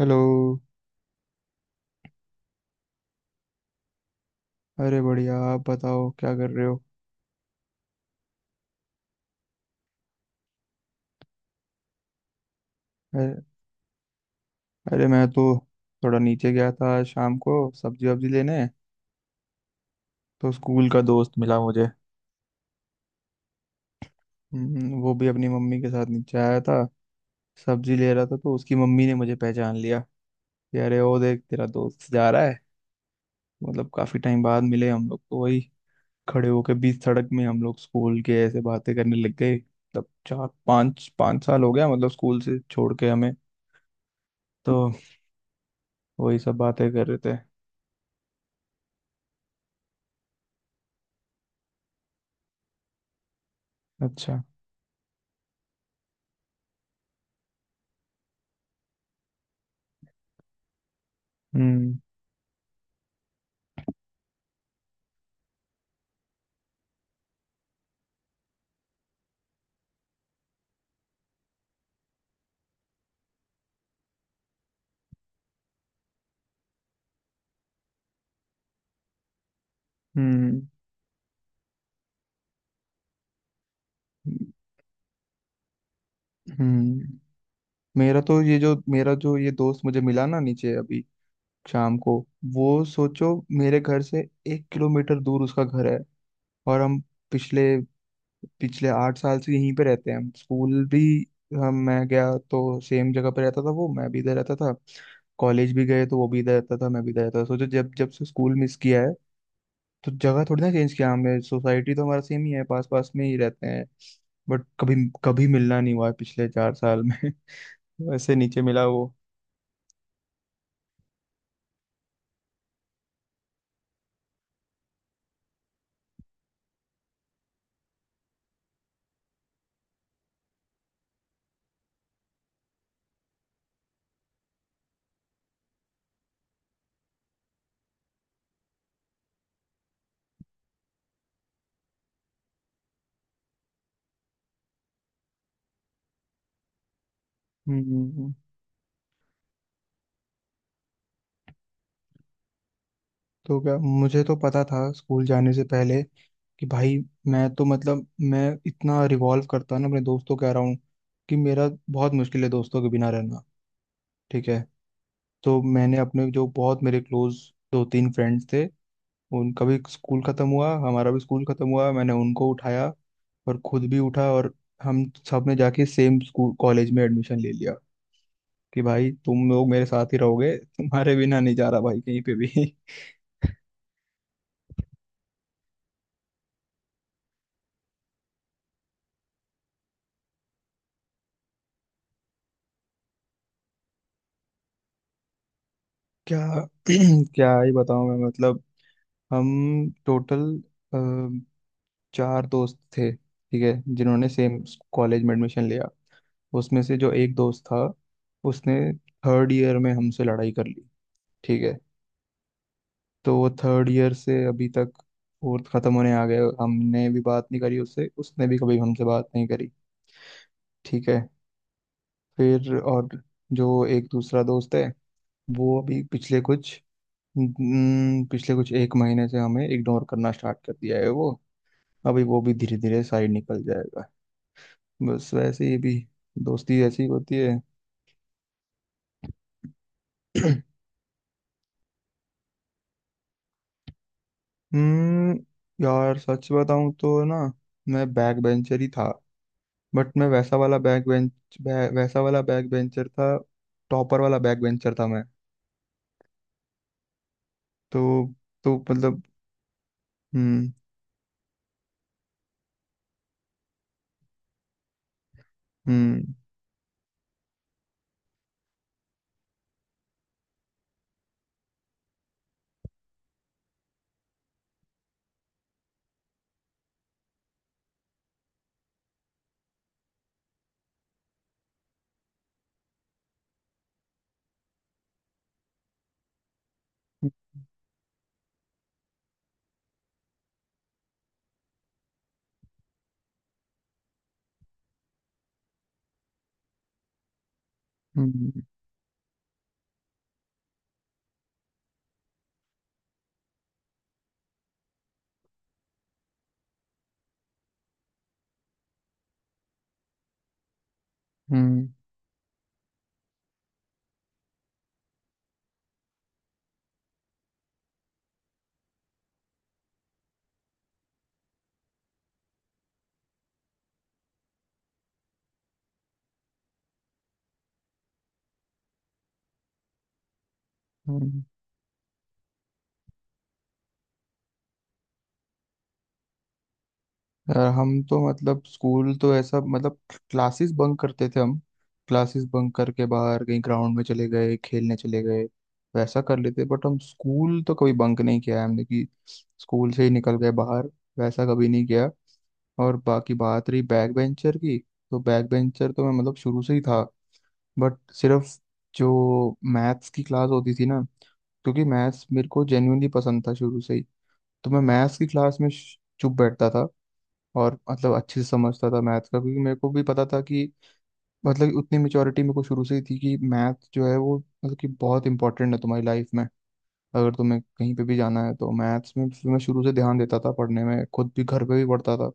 Hello. अरे बढ़िया। आप बताओ क्या कर रहे हो। अरे अरे मैं तो थोड़ा नीचे गया था आज शाम को सब्जी वब्जी लेने। तो स्कूल का दोस्त मिला मुझे। वो भी अपनी मम्मी के साथ नीचे आया था। सब्जी ले रहा था तो उसकी मम्मी ने मुझे पहचान लिया कि अरे ओ देख तेरा दोस्त जा रहा है। मतलब काफी टाइम बाद मिले हम लोग तो वही खड़े होके बीच सड़क में हम लोग स्कूल के ऐसे बातें करने लग गए। मतलब चार पाँच पाँच साल हो गया मतलब स्कूल से छोड़ के हमें। तो वही सब बातें कर रहे थे। अच्छा। हम्म। हम्म। हम्म। मेरा तो ये जो मेरा जो ये दोस्त मुझे मिला ना नीचे अभी शाम को। वो सोचो मेरे घर से 1 किलोमीटर दूर उसका घर है। और हम पिछले पिछले 8 साल से यहीं पे रहते हैं। हम स्कूल भी, हम मैं गया तो सेम जगह पे रहता था वो, मैं भी इधर रहता था। कॉलेज भी गए तो वो भी इधर रहता था मैं भी इधर रहता था। सोचो जब जब से स्कूल मिस किया है तो जगह थोड़ी ना चेंज किया हमने। सोसाइटी तो हमारा सेम ही है, पास पास में ही रहते हैं। बट कभी कभी मिलना नहीं हुआ है पिछले 4 साल में। वैसे नीचे मिला वो। हम्म। तो क्या मुझे तो पता था स्कूल जाने से पहले कि भाई मैं तो मतलब मैं इतना रिवॉल्व करता ना अपने दोस्तों के अराउंड कि मेरा बहुत मुश्किल है दोस्तों के बिना रहना। ठीक है। तो मैंने अपने जो बहुत मेरे क्लोज दो तीन फ्रेंड्स थे, उनका भी स्कूल खत्म हुआ हमारा भी स्कूल खत्म हुआ, मैंने उनको उठाया और खुद भी उठा। और हम सब ने जाके सेम स्कूल कॉलेज में एडमिशन ले लिया कि भाई तुम लोग मेरे साथ ही रहोगे, तुम्हारे बिना नहीं जा रहा भाई कहीं पे भी। क्या क्या ही बताऊं मैं। मतलब हम टोटल 4 दोस्त थे, ठीक है, जिन्होंने सेम कॉलेज में एडमिशन लिया। उसमें से जो एक दोस्त था उसने थर्ड ईयर में हमसे लड़ाई कर ली। ठीक है। तो वो थर्ड ईयर से अभी तक, फोर्थ खत्म होने आ गए, हमने भी बात नहीं करी उससे उसने भी कभी हमसे बात नहीं करी। ठीक है। फिर और जो एक दूसरा दोस्त है वो अभी पिछले कुछ, एक महीने से हमें इग्नोर करना स्टार्ट कर दिया है वो। अभी वो भी धीरे धीरे साइड निकल जाएगा। बस वैसे ही भी दोस्ती ऐसी ही होती है। हम्म यार सच बताऊं तो ना, मैं बैक बेंचर ही था। बट मैं वैसा वाला बैक बेंचर था। टॉपर वाला बैक बेंचर था मैं। तो तो मतलब। हम्म हम्म। हम्म। हम्म, हम्म। यार हम तो मतलब स्कूल तो ऐसा, मतलब क्लासेस बंक करते थे हम। क्लासेस बंक करके बाहर कहीं ग्राउंड में चले गए, खेलने चले गए, वैसा कर लेते। बट हम स्कूल तो कभी बंक नहीं किया है हमने कि स्कूल से ही निकल गए बाहर, वैसा कभी नहीं किया। और बाकी बात रही बैक बेंचर की, तो बैक बेंचर तो मैं मतलब शुरू से ही था। बट सिर्फ जो मैथ्स की क्लास होती थी ना, क्योंकि मैथ्स मेरे को जेन्युइनली पसंद था शुरू से ही, तो मैं मैथ्स की क्लास में चुप बैठता था। और मतलब अच्छे से समझता था मैथ्स का, क्योंकि मेरे को भी पता था कि मतलब उतनी मेच्योरिटी मेरे को शुरू से ही थी कि मैथ्स जो है वो मतलब कि बहुत इंपॉर्टेंट है तुम्हारी लाइफ में। अगर तुम्हें कहीं पे भी जाना है तो मैथ्स में, फिर मैं शुरू से ध्यान देता था पढ़ने में, खुद भी घर पे भी पढ़ता था।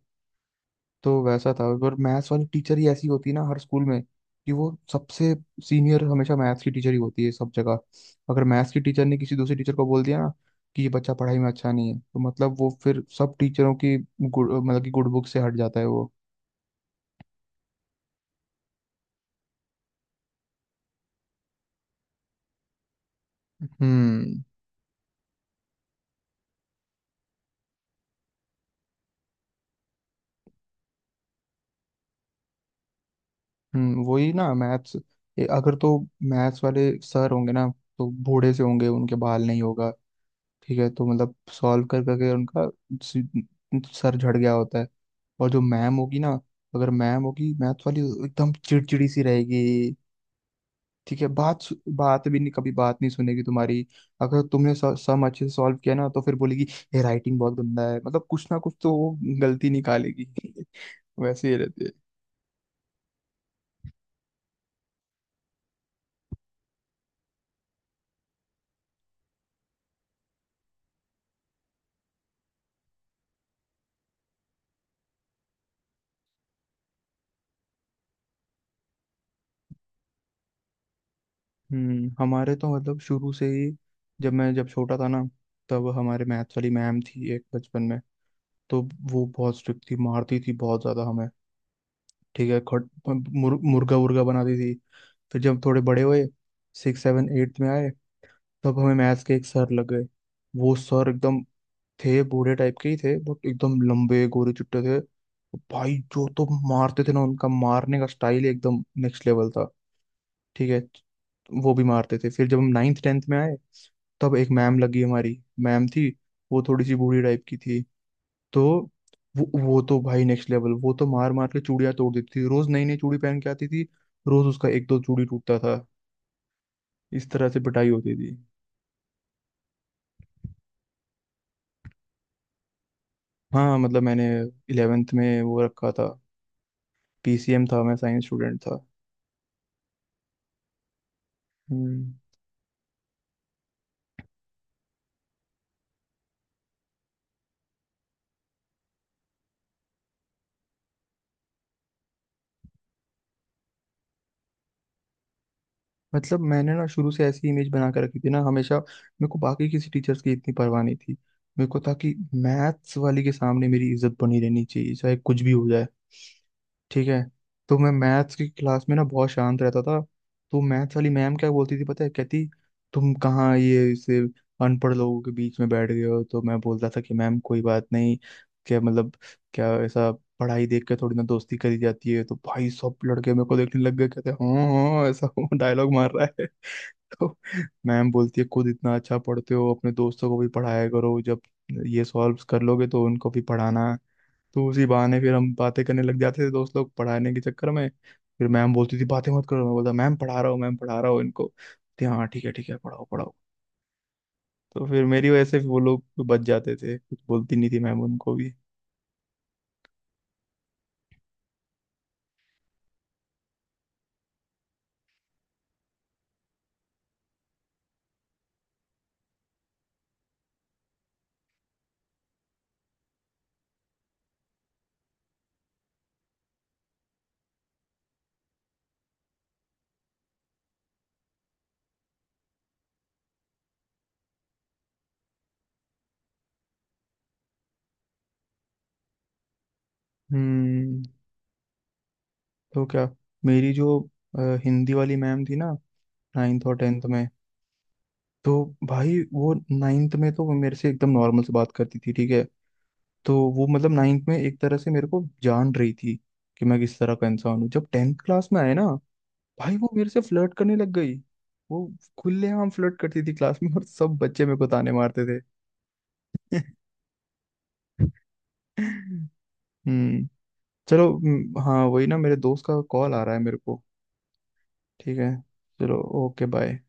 तो वैसा था। और मैथ्स वाली टीचर ही ऐसी होती है ना हर स्कूल में कि वो सबसे सीनियर हमेशा मैथ्स की टीचर ही होती है सब जगह। अगर मैथ्स की टीचर ने किसी दूसरी टीचर को बोल दिया ना कि ये बच्चा पढ़ाई में अच्छा नहीं है, तो मतलब वो फिर सब टीचरों की गुड मतलब कि गुड बुक से हट जाता है वो। हम्म वही ना, मैथ्स, अगर तो मैथ्स वाले सर होंगे ना तो बूढ़े से होंगे, उनके बाल नहीं होगा। ठीक है, तो मतलब सॉल्व कर करके उनका सी- सर झड़ गया होता है। और जो मैम होगी ना, अगर मैम होगी मैथ वाली, एकदम चिड़चिड़ी सी रहेगी। ठीक है, बात भी नहीं, कभी बात नहीं सुनेगी तुम्हारी। अगर तुमने सम अच्छे से सॉल्व किया ना तो फिर बोलेगी ये राइटिंग बहुत गंदा है, मतलब कुछ ना कुछ तो वो गलती निकालेगी। वैसे ही रहते हैं। हमारे तो मतलब शुरू से ही, जब छोटा था ना, तब हमारे मैथ्स वाली मैम थी एक बचपन में। तो वो बहुत स्ट्रिक्ट थी, मारती थी बहुत ज्यादा हमें। ठीक है, खट, मुर्गा वुर्गा बनाती थी। फिर जब थोड़े बड़े हुए, सिक्स सेवन एट्थ में आए, तब हमें मैथ्स के एक सर लग गए। वो सर एकदम थे बूढ़े टाइप के ही थे बट एकदम लंबे गोरे चुट्टे थे भाई। जो तो मारते थे ना, उनका मारने का स्टाइल एकदम नेक्स्ट लेवल था। ठीक है। वो भी मारते थे। फिर जब हम नाइन्थ टेंथ में आए तब एक मैम लगी हमारी। मैम थी, वो थोड़ी सी बूढ़ी टाइप की थी। तो वो तो भाई नेक्स्ट लेवल, वो तो मार मार के चूड़ियां तोड़ देती थी। रोज नई नई चूड़ी पहन के आती थी, रोज उसका एक दो चूड़ी टूटता था। इस तरह से पिटाई होती थी। हाँ मतलब मैंने इलेवेंथ में वो रखा था, पीसीएम था, मैं साइंस स्टूडेंट था। हम्म। मतलब मैंने ना शुरू से ऐसी इमेज बना के रखी थी ना, हमेशा मेरे को बाकी किसी टीचर्स की इतनी परवाह नहीं थी। मेरे को था कि मैथ्स वाली के सामने मेरी इज्जत बनी रहनी चाहिए चाहे कुछ भी हो जाए। ठीक है। तो मैं मैथ्स की क्लास में ना बहुत शांत रहता था। तो मैथ्स वाली मैम क्या बोलती थी पता है, कहती, तुम कहाँ ये इसे अनपढ़ लोगों के बीच में बैठ गए हो। तो मैं बोलता था कि मैम कोई बात नहीं, क्या मतलब क्या, ऐसा पढ़ाई देख के थोड़ी ना दोस्ती करी जाती है। तो भाई सब लड़के मेरे को देखने लग गए, कहते हाँ हाँ ऐसा डायलॉग मार रहा है। तो मैम बोलती है खुद इतना अच्छा पढ़ते हो अपने दोस्तों को भी पढ़ाया करो, जब ये सॉल्व कर लोगे तो उनको भी पढ़ाना। तो उसी बहाने फिर हम बातें करने लग जाते थे, दोस्त लोग पढ़ाने के चक्कर में। फिर मैम बोलती थी बातें मत करो, मैं बोलता मैम पढ़ा रहा हूँ मैम पढ़ा रहा हूँ इनको, बोलती, हाँ ठीक है पढ़ाओ पढ़ाओ। तो फिर मेरी वजह से फिर वो लोग बच जाते थे, कुछ बोलती नहीं थी मैम उनको भी। हम्म। तो क्या, मेरी जो हिंदी वाली मैम थी ना नाइन्थ और टेंथ में, तो भाई वो नाइन्थ में तो वो मेरे से एकदम नॉर्मल से बात करती थी। ठीक है। तो वो मतलब नाइन्थ में एक तरह से मेरे को जान रही थी कि मैं किस तरह का इंसान हूँ। जब टेंथ क्लास में आए ना भाई वो मेरे से फ्लर्ट करने लग गई। वो खुलेआम फ्लर्ट करती थी क्लास में, और सब बच्चे मेरे को ताने मारते थे। हम्म। चलो हाँ वही ना, मेरे दोस्त का कॉल आ रहा है मेरे को। ठीक है, चलो, ओके बाय।